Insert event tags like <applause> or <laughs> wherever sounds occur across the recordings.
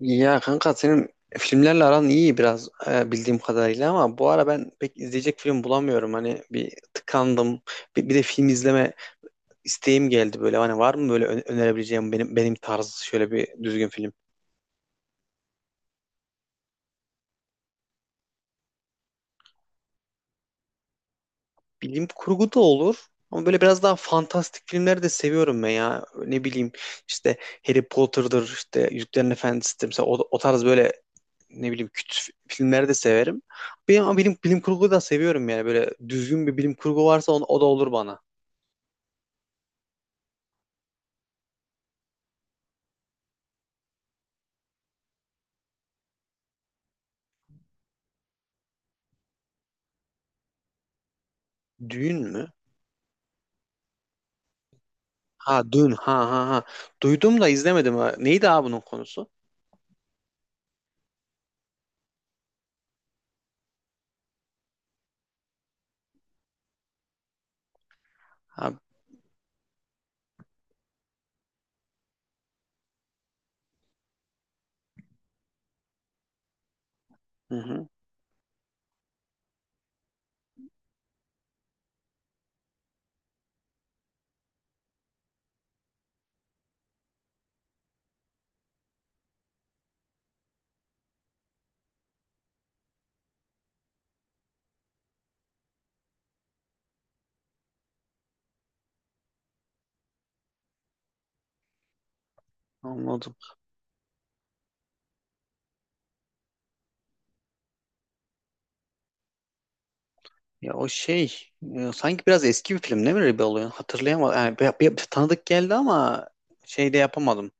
Ya kanka, senin filmlerle aran iyi biraz, bildiğim kadarıyla, ama bu ara ben pek izleyecek film bulamıyorum. Hani bir tıkandım. Bir de film izleme isteğim geldi böyle. Hani var mı böyle önerebileceğim benim tarzı şöyle bir düzgün film? Bilim kurgu da olur. Ama böyle biraz daha fantastik filmleri de seviyorum ben ya. Ne bileyim, işte Harry Potter'dır, işte Yüzüklerin Efendisi'dir. Mesela o tarz böyle, ne bileyim, küt filmleri de severim. Benim, ama bilim kurgu da seviyorum yani. Böyle düzgün bir bilim kurgu varsa o da olur bana. Düğün mü? Ha, Dün. Ha ha ha. Duydum da izlemedim. Ha. Neydi abi bunun konusu? Ha, hı hı, anladım. Ya, o şey, sanki biraz eski bir film değil mi Rebel Oluyor? Hatırlayamadım. Yani, tanıdık geldi ama şey de yapamadım.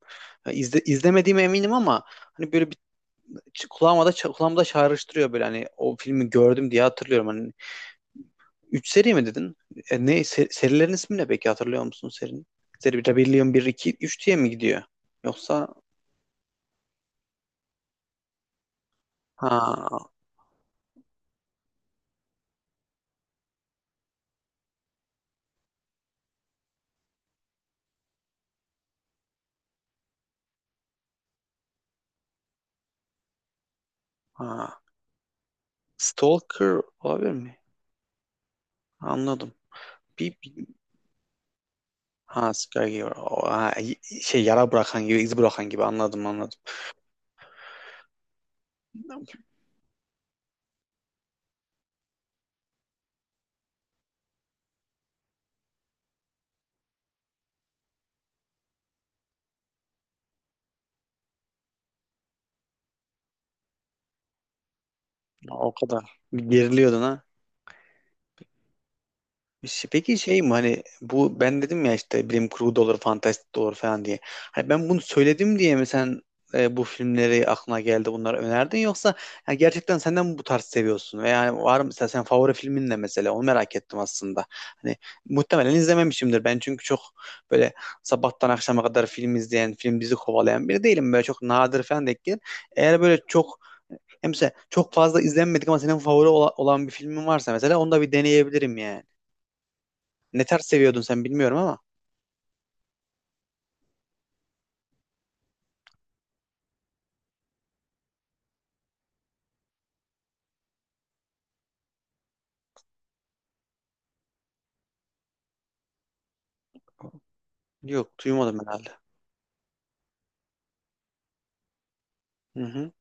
Ya, izlemediğime eminim, ama hani böyle bir kulağıma da kulağımda çağrıştırıyor böyle, hani o filmi gördüm diye hatırlıyorum. Hani üç seri mi dedin? Ne serilerin ismi ne peki, hatırlıyor musun serinin? Seri Rebellion bir 2 3 diye mi gidiyor? Yoksa ha ha Stalker olabilir mi? Anladım. Bir, bir- ha, Skygiver. O, ha, şey, yara bırakan gibi, iz bırakan gibi, anladım anladım. O kadar geriliyordun ha. Peki şey mi, hani bu ben dedim ya işte bilim kurgu da olur, fantastik de olur falan diye. Hani ben bunu söyledim diye mi sen bu filmleri aklına geldi, bunları önerdin, yoksa ya gerçekten senden bu tarz seviyorsun veya, yani var mı mesela, sen favori filmin ne mesela, onu merak ettim aslında. Hani muhtemelen izlememişimdir ben, çünkü çok böyle sabahtan akşama kadar film izleyen, film dizi kovalayan biri değilim. Böyle çok nadir falan denk gelir. Eğer böyle çok, hem mesela çok fazla izlenmedik ama senin favori olan bir filmin varsa, mesela onu da bir deneyebilirim yani. Ne tarz seviyordun sen, bilmiyorum ama. Yok, duymadım herhalde. Hı hı.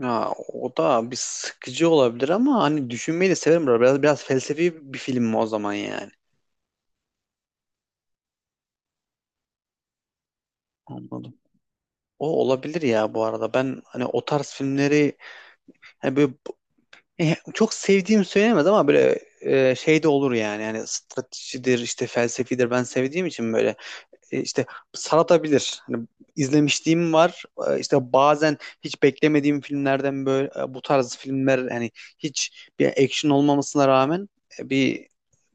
Ya, o da bir sıkıcı olabilir ama hani düşünmeyi de severim. Biraz felsefi bir film mi o zaman yani? Anladım. O olabilir ya bu arada. Ben hani o tarz filmleri, hani böyle, çok sevdiğim söylenemez ama böyle, şey de olur yani. Yani stratejidir, işte felsefidir, ben sevdiğim için böyle, işte saratabilir. Hani izlemişliğim var. İşte bazen hiç beklemediğim filmlerden böyle, bu tarz filmler, hani hiç bir action olmamasına rağmen bir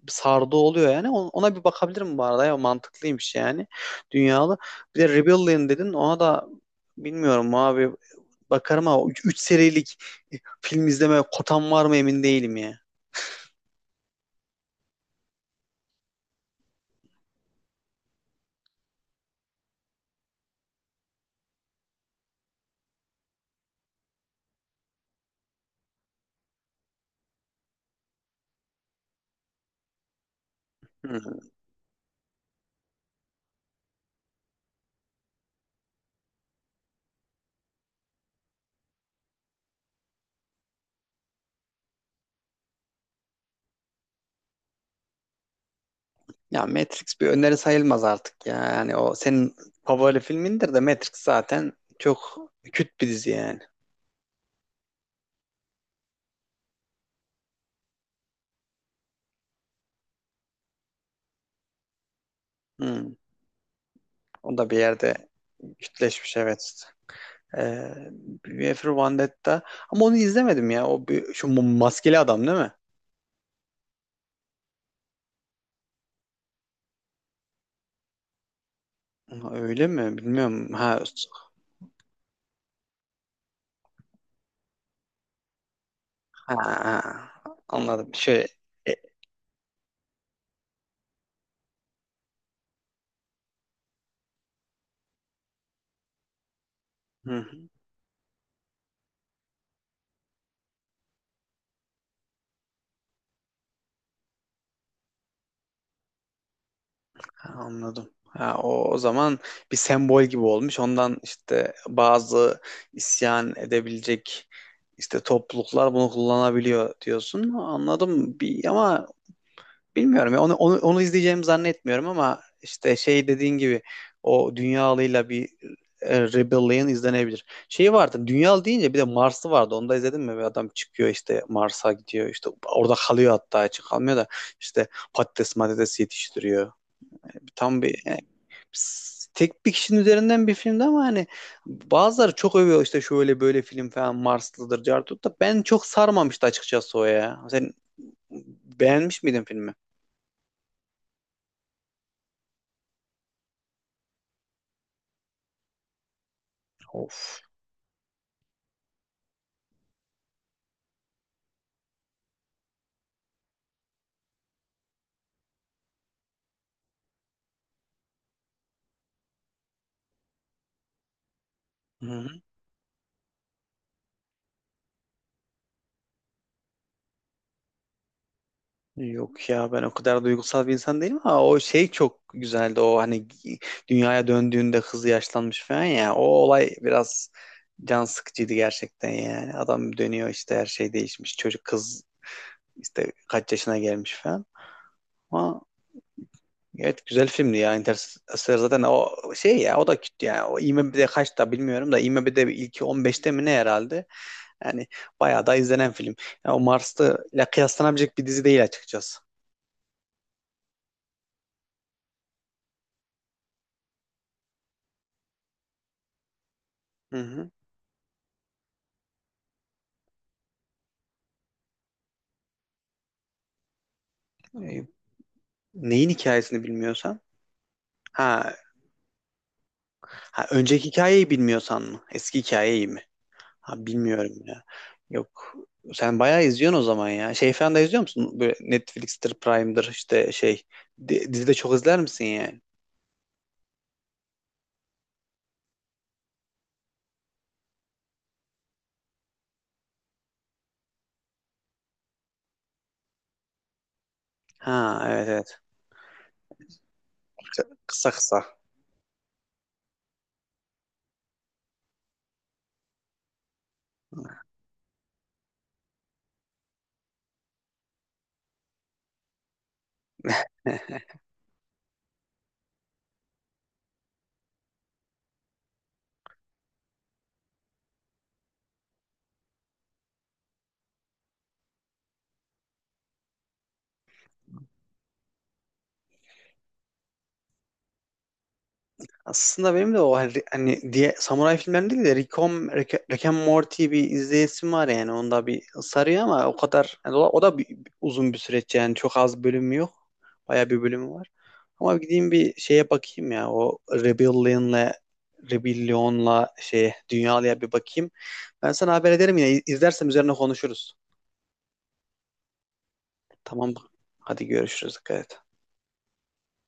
sardı oluyor yani. Ona bir bakabilirim bu arada, ya mantıklıymış yani, dünyalı. Bir de Rebellion dedin, ona da bilmiyorum abi, bakarım ama 3 serilik e, film izleme kotam var mı emin değilim ya. Hı. Ya Matrix bir öneri sayılmaz artık ya. Yani o senin favori filmindir de, Matrix zaten çok küt bir dizi yani. Hı. O da bir yerde kütleşmiş, evet. Ee, Winifred Vendetta. Ama onu izlemedim ya. O bir, maskeli adam değil mi? Ha, öyle mi? Bilmiyorum. Ha, ha, ha. Anladım. Şey, e, hı, hı. Ha, anladım. Ha, o zaman bir sembol gibi olmuş. Ondan işte bazı isyan edebilecek işte topluluklar bunu kullanabiliyor diyorsun. Anladım. Ama bilmiyorum ya, onu izleyeceğimi zannetmiyorum, ama işte şey dediğin gibi o dünyalıyla bir Rebellion izlenebilir. Şey vardı, Dünya deyince bir de Mars'ı vardı, onu da izledin mi? Bir adam çıkıyor işte, Mars'a gidiyor işte, orada kalıyor, hatta hiç kalmıyor da işte patates matates yetiştiriyor. Tam bir tek bir kişinin üzerinden bir filmdi, ama hani bazıları çok övüyor işte şöyle böyle film falan, Marslıdır Cartut da ben çok sarmamıştı açıkçası o ya. Sen beğenmiş miydin filmi? Of. Hı hı. Yok ya, ben o kadar duygusal bir insan değilim, ama o şey çok güzeldi o, hani dünyaya döndüğünde hızlı yaşlanmış falan ya, o olay biraz can sıkıcıydı gerçekten, yani adam dönüyor işte her şey değişmiş, çocuk kız işte kaç yaşına gelmiş falan, ama evet güzel filmdi ya Interstellar, zaten o şey ya, o da kötü, yani o IMDb'de kaçta bilmiyorum da, IMDb'de ilki 15'te mi ne herhalde, yani bayağı da izlenen film, yani o Mars'ta ile kıyaslanabilecek bir dizi değil açıkçası. Hı hı. Neyin hikayesini bilmiyorsan? Ha, ha önceki hikayeyi bilmiyorsan mı? Eski hikayeyi mi? Ha bilmiyorum ya. Yok. Sen bayağı izliyorsun o zaman ya. Şey falan da izliyor musun? Böyle Netflix'tir, Prime'dır, işte şey. Dizi çok izler misin yani? Ha, evet evet. Kısa kısa. <laughs> Aslında benim de o hani diye samuray filmlerini değil de Rick and Morty bir izleyesim var yani. Onda bir sarıyor ama o kadar yani, o da uzun bir süreç yani, çok az bölümü yok. Baya bir bölümü var. Ama gideyim bir şeye bakayım ya, o Rebellion'la şey Dünyalı'ya bir bakayım. Ben sana haber ederim, yine izlersem üzerine konuşuruz. Tamam. Hadi görüşürüz. Dikkat et.